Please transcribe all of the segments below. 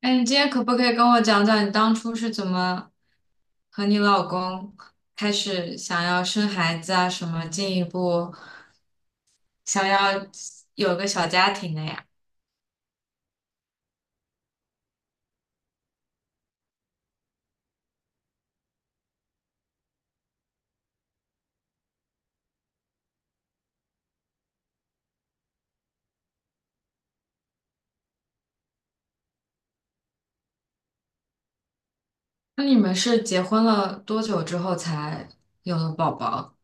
哎，你今天可不可以跟我讲讲你当初是怎么和你老公开始想要生孩子啊，什么进一步想要有个小家庭的呀？那你们是结婚了多久之后才有了宝宝？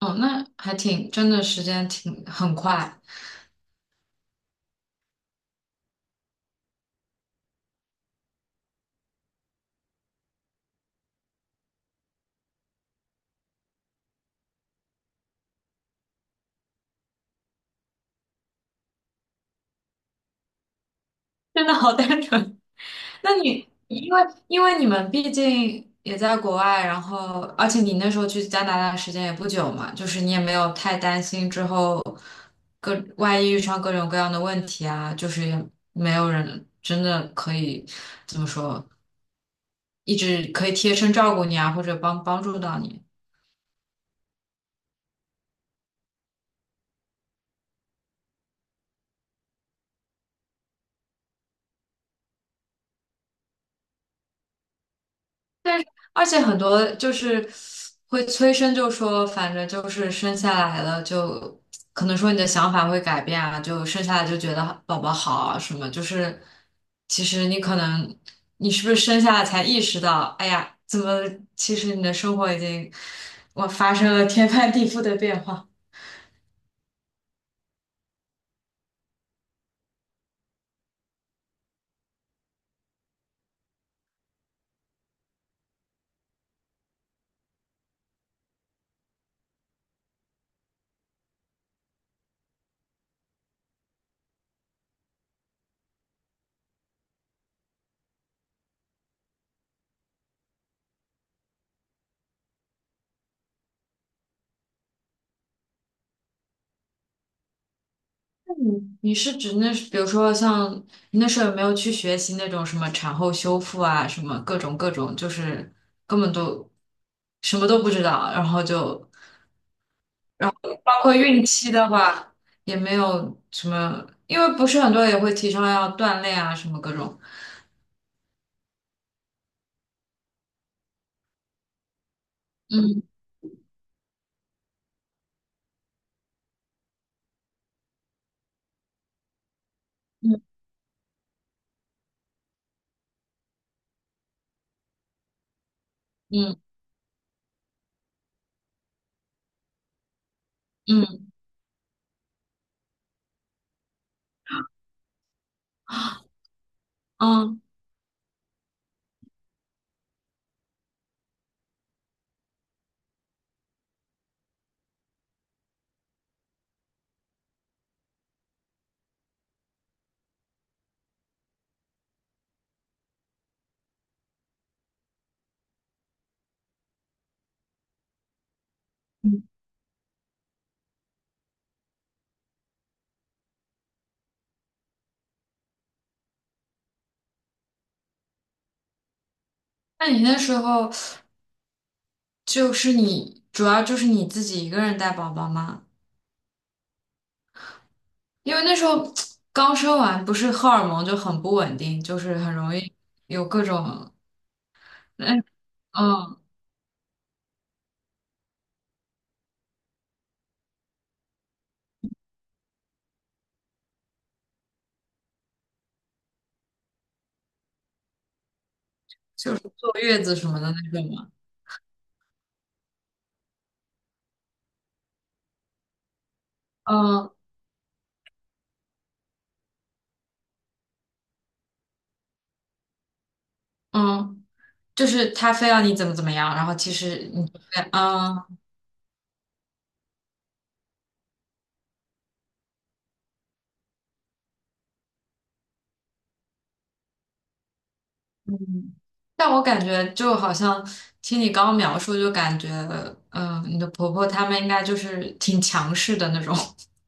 哦，那还挺，真的时间挺很快，真的好单纯。那你因为你们毕竟也在国外，然后而且你那时候去加拿大的时间也不久嘛，就是你也没有太担心之后各万一遇上各种各样的问题啊，就是也没有人真的可以怎么说，一直可以贴身照顾你啊，或者帮助到你。但是而且很多就是会催生，就说反正就是生下来了就。可能说你的想法会改变啊，就生下来就觉得宝宝好啊什么，就是其实你可能你是不是生下来才意识到，哎呀，怎么其实你的生活已经我发生了天翻地覆的变化。你是指那，比如说像你那时候有没有去学习那种什么产后修复啊，什么各种各种，就是根本都什么都不知道，然后就然后包括孕期的话也没有什么，因为不是很多也会提倡要锻炼啊，什么各种。嗯嗯嗯嗯嗯，那你那时候就是你主要就是你自己一个人带宝宝吗？因为那时候刚生完，不是荷尔蒙就很不稳定，就是很容易有各种，嗯嗯，就是坐月子什么的那种嘛，嗯嗯，就是他非要你怎么怎么样，然后其实你就会嗯，嗯但我感觉就好像听你刚刚描述，就感觉嗯，你的婆婆她们应该就是挺强势的那种，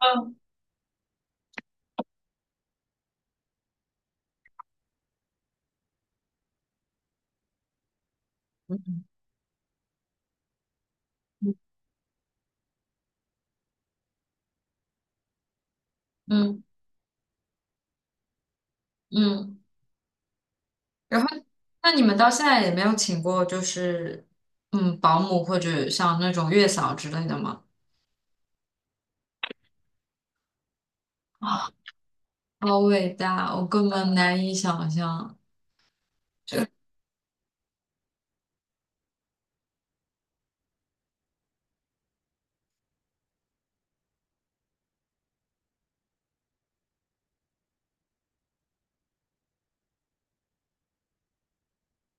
嗯嗯嗯。然后，那你们到现在也没有请过，就是嗯，保姆或者像那种月嫂之类的吗？啊，好伟大，我根本难以想象。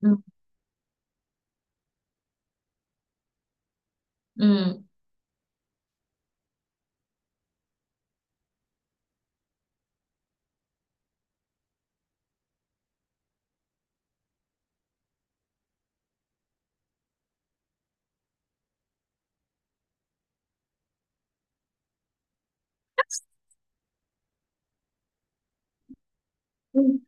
嗯嗯嗯，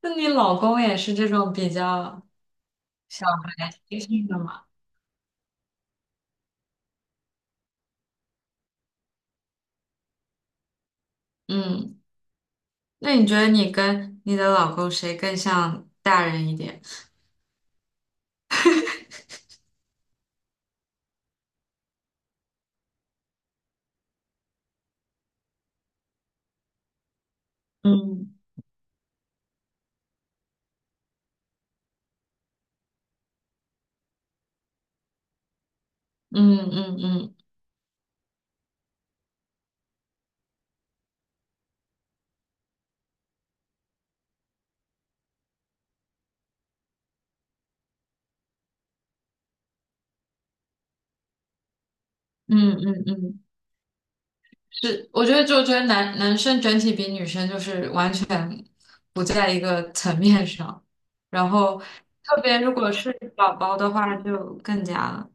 那你老公也是这种比较小孩心性的吗？嗯，那你觉得你跟你的老公谁更像大人一点？嗯嗯嗯嗯嗯嗯嗯。嗯是，我觉得就觉得男生整体比女生就是完全不在一个层面上，然后特别如果是宝宝的话就更加了。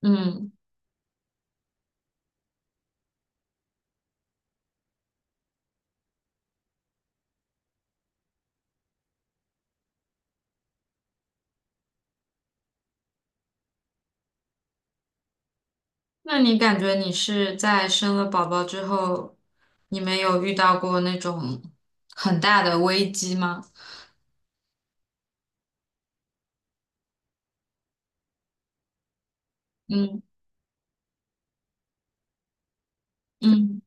嗯，那你感觉你是在生了宝宝之后，你们有遇到过那种很大的危机吗？嗯嗯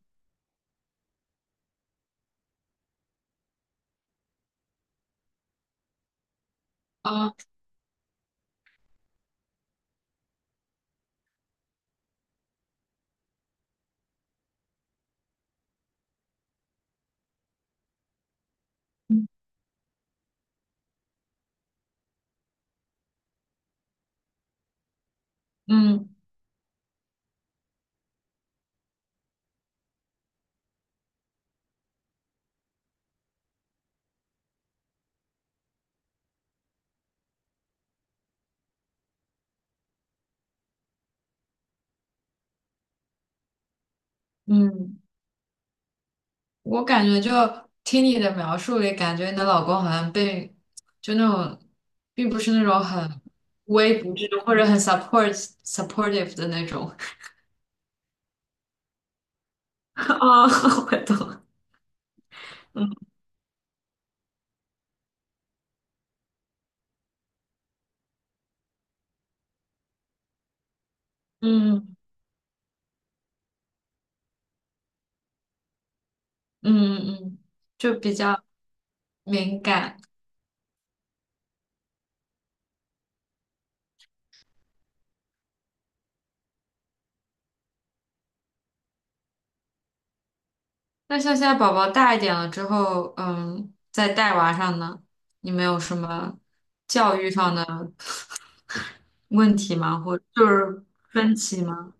啊嗯嗯嗯。我感觉就听你的描述里，感觉你的老公好像被就那种，并不是那种很无微不至或者很 supportive 的那种。啊，我懂了。嗯嗯嗯嗯，就比较敏感。那像现在宝宝大一点了之后，嗯，在带娃上呢，你们有什么教育上的问题吗？或就是分歧吗？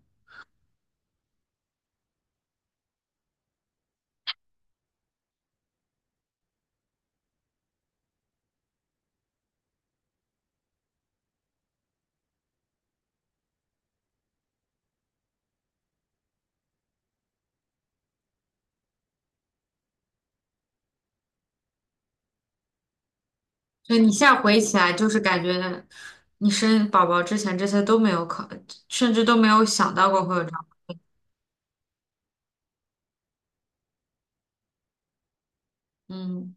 所以你现在回忆起来，就是感觉你生宝宝之前这些都没有考，甚至都没有想到过会有这样。嗯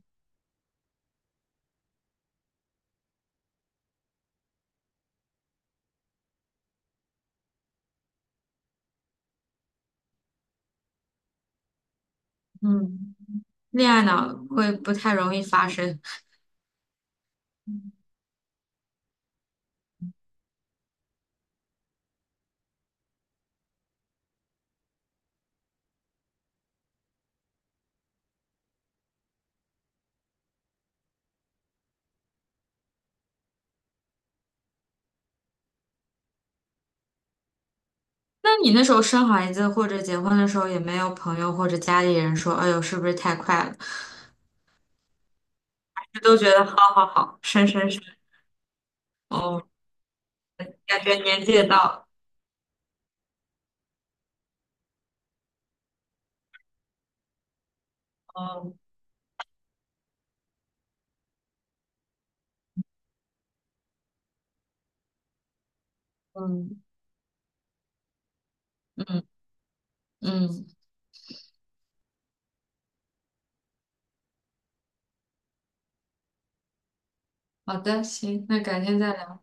嗯，恋爱脑会不太容易发生。那你那时候生孩子或者结婚的时候，也没有朋友或者家里人说：“哎呦，是不是太快了？”都觉得好好好，生生生。哦，感觉年纪也到了。哦，嗯嗯嗯，嗯好的，行，那改天再来。